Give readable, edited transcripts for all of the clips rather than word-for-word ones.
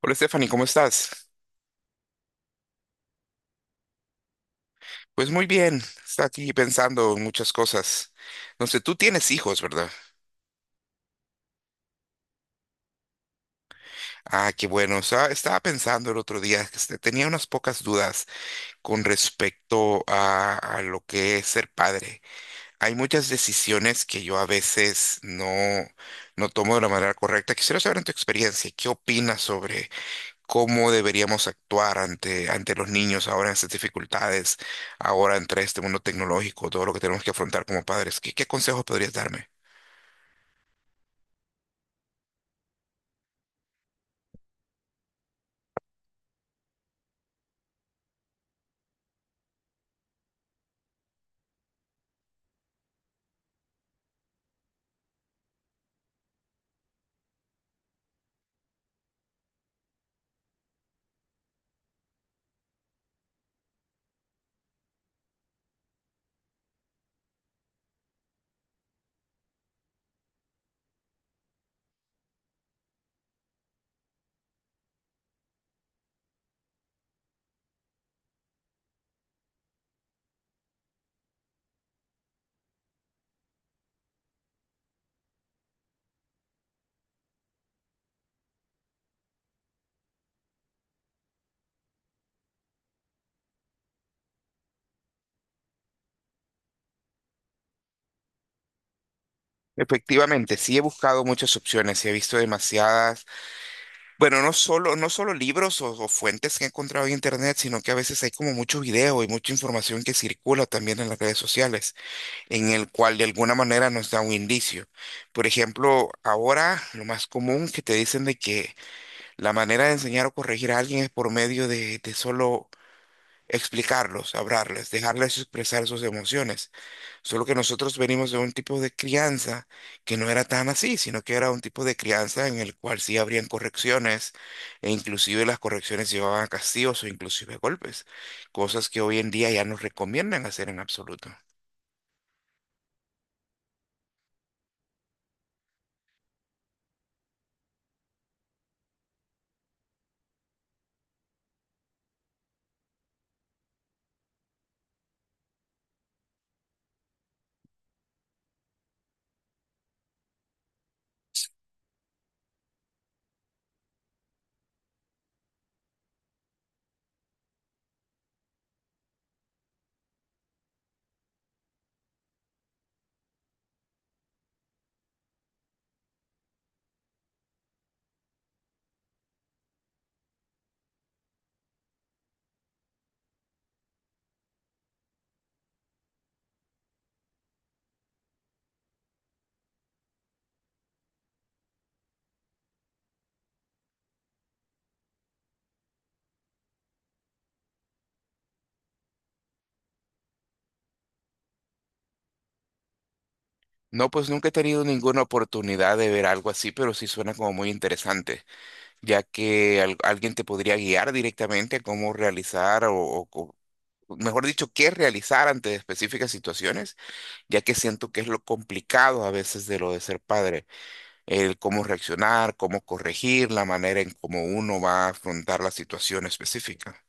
Hola Stephanie, ¿cómo estás? Pues muy bien, está aquí pensando en muchas cosas. No sé, tú tienes hijos, ¿verdad? Ah, qué bueno. Estaba pensando el otro día, que tenía unas pocas dudas con respecto a lo que es ser padre. Hay muchas decisiones que yo a veces no tomo de la manera correcta. Quisiera saber en tu experiencia, ¿qué opinas sobre cómo deberíamos actuar ante los niños ahora en estas dificultades, ahora entre este mundo tecnológico, todo lo que tenemos que afrontar como padres? Qué consejos podrías darme? Efectivamente, sí he buscado muchas opciones y he visto demasiadas, bueno, no solo libros o fuentes que he encontrado en internet, sino que a veces hay como mucho video y mucha información que circula también en las redes sociales, en el cual de alguna manera nos da un indicio. Por ejemplo, ahora lo más común que te dicen de que la manera de enseñar o corregir a alguien es por medio de solo explicarlos, hablarles, dejarles expresar sus emociones. Solo que nosotros venimos de un tipo de crianza que no era tan así, sino que era un tipo de crianza en el cual sí habrían correcciones e inclusive las correcciones llevaban a castigos o inclusive golpes, cosas que hoy en día ya no recomiendan hacer en absoluto. No, pues nunca he tenido ninguna oportunidad de ver algo así, pero sí suena como muy interesante. Ya que alguien te podría guiar directamente a cómo realizar o, mejor dicho, qué realizar ante específicas situaciones, ya que siento que es lo complicado a veces de lo de ser padre, el cómo reaccionar, cómo corregir, la manera en cómo uno va a afrontar la situación específica.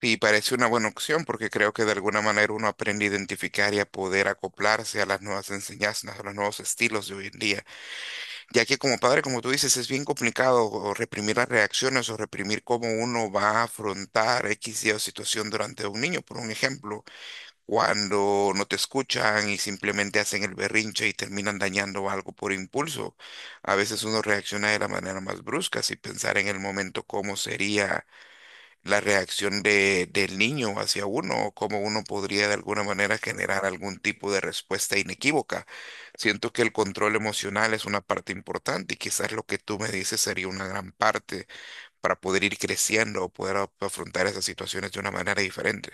Y parece una buena opción porque creo que de alguna manera uno aprende a identificar y a poder acoplarse a las nuevas enseñanzas, a los nuevos estilos de hoy en día. Ya que como padre, como tú dices, es bien complicado o reprimir las reacciones o reprimir cómo uno va a afrontar X y o situación durante un niño. Por un ejemplo, cuando no te escuchan y simplemente hacen el berrinche y terminan dañando algo por impulso. A veces uno reacciona de la manera más brusca sin pensar en el momento cómo sería la reacción del niño hacia uno, o cómo uno podría de alguna manera generar algún tipo de respuesta inequívoca. Siento que el control emocional es una parte importante y quizás lo que tú me dices sería una gran parte para poder ir creciendo o poder afrontar esas situaciones de una manera diferente.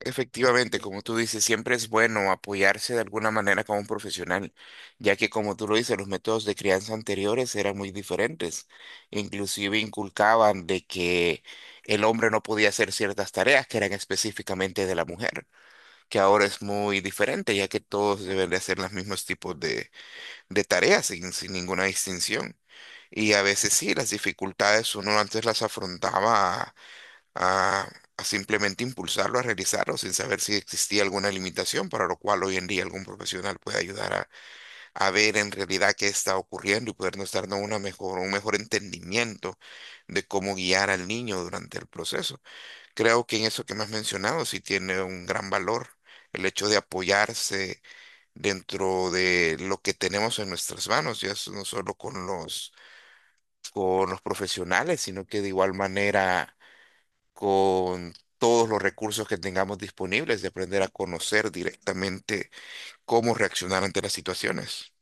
Efectivamente, como tú dices, siempre es bueno apoyarse de alguna manera con un profesional, ya que como tú lo dices, los métodos de crianza anteriores eran muy diferentes. Inclusive inculcaban de que el hombre no podía hacer ciertas tareas que eran específicamente de la mujer, que ahora es muy diferente, ya que todos deben de hacer los mismos tipos de tareas sin ninguna distinción. Y a veces sí, las dificultades uno antes las afrontaba a, a simplemente impulsarlo a realizarlo sin saber si existía alguna limitación, para lo cual hoy en día algún profesional puede ayudar a ver en realidad qué está ocurriendo y podernos darnos un mejor entendimiento de cómo guiar al niño durante el proceso. Creo que en eso que me has mencionado sí tiene un gran valor. El hecho de apoyarse dentro de lo que tenemos en nuestras manos, ya es no solo con con los profesionales, sino que de igual manera con todos los recursos que tengamos disponibles, de aprender a conocer directamente cómo reaccionar ante las situaciones.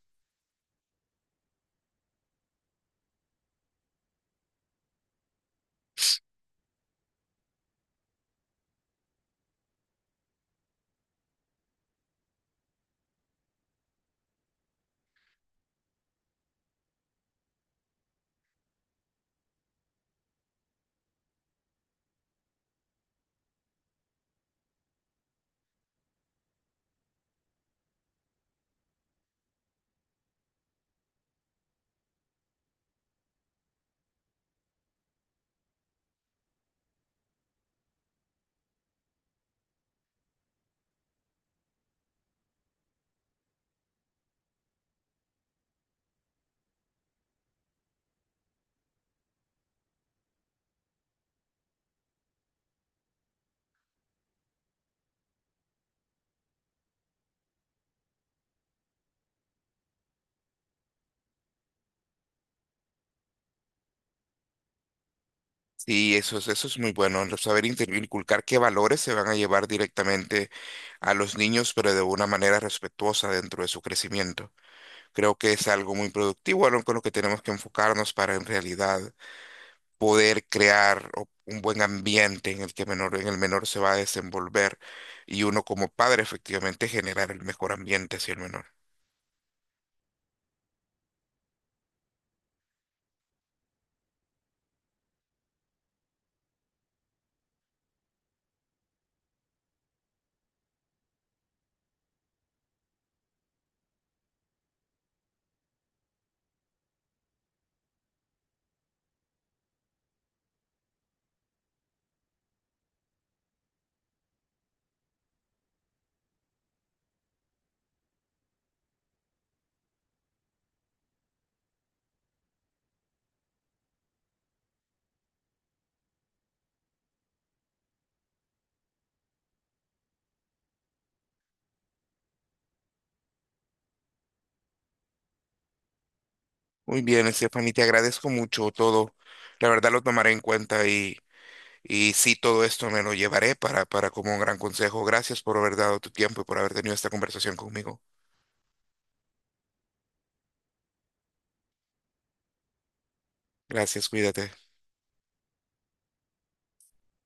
Y eso es muy bueno, el saber inculcar qué valores se van a llevar directamente a los niños, pero de una manera respetuosa dentro de su crecimiento. Creo que es algo muy productivo, algo con lo que tenemos que enfocarnos para en realidad poder crear un buen ambiente en el que menor, en el menor se va a desenvolver y uno como padre efectivamente generar el mejor ambiente hacia el menor. Muy bien, Stephanie, te agradezco mucho todo. La verdad lo tomaré en cuenta y sí, todo esto me lo llevaré para como un gran consejo. Gracias por haber dado tu tiempo y por haber tenido esta conversación conmigo. Gracias, cuídate.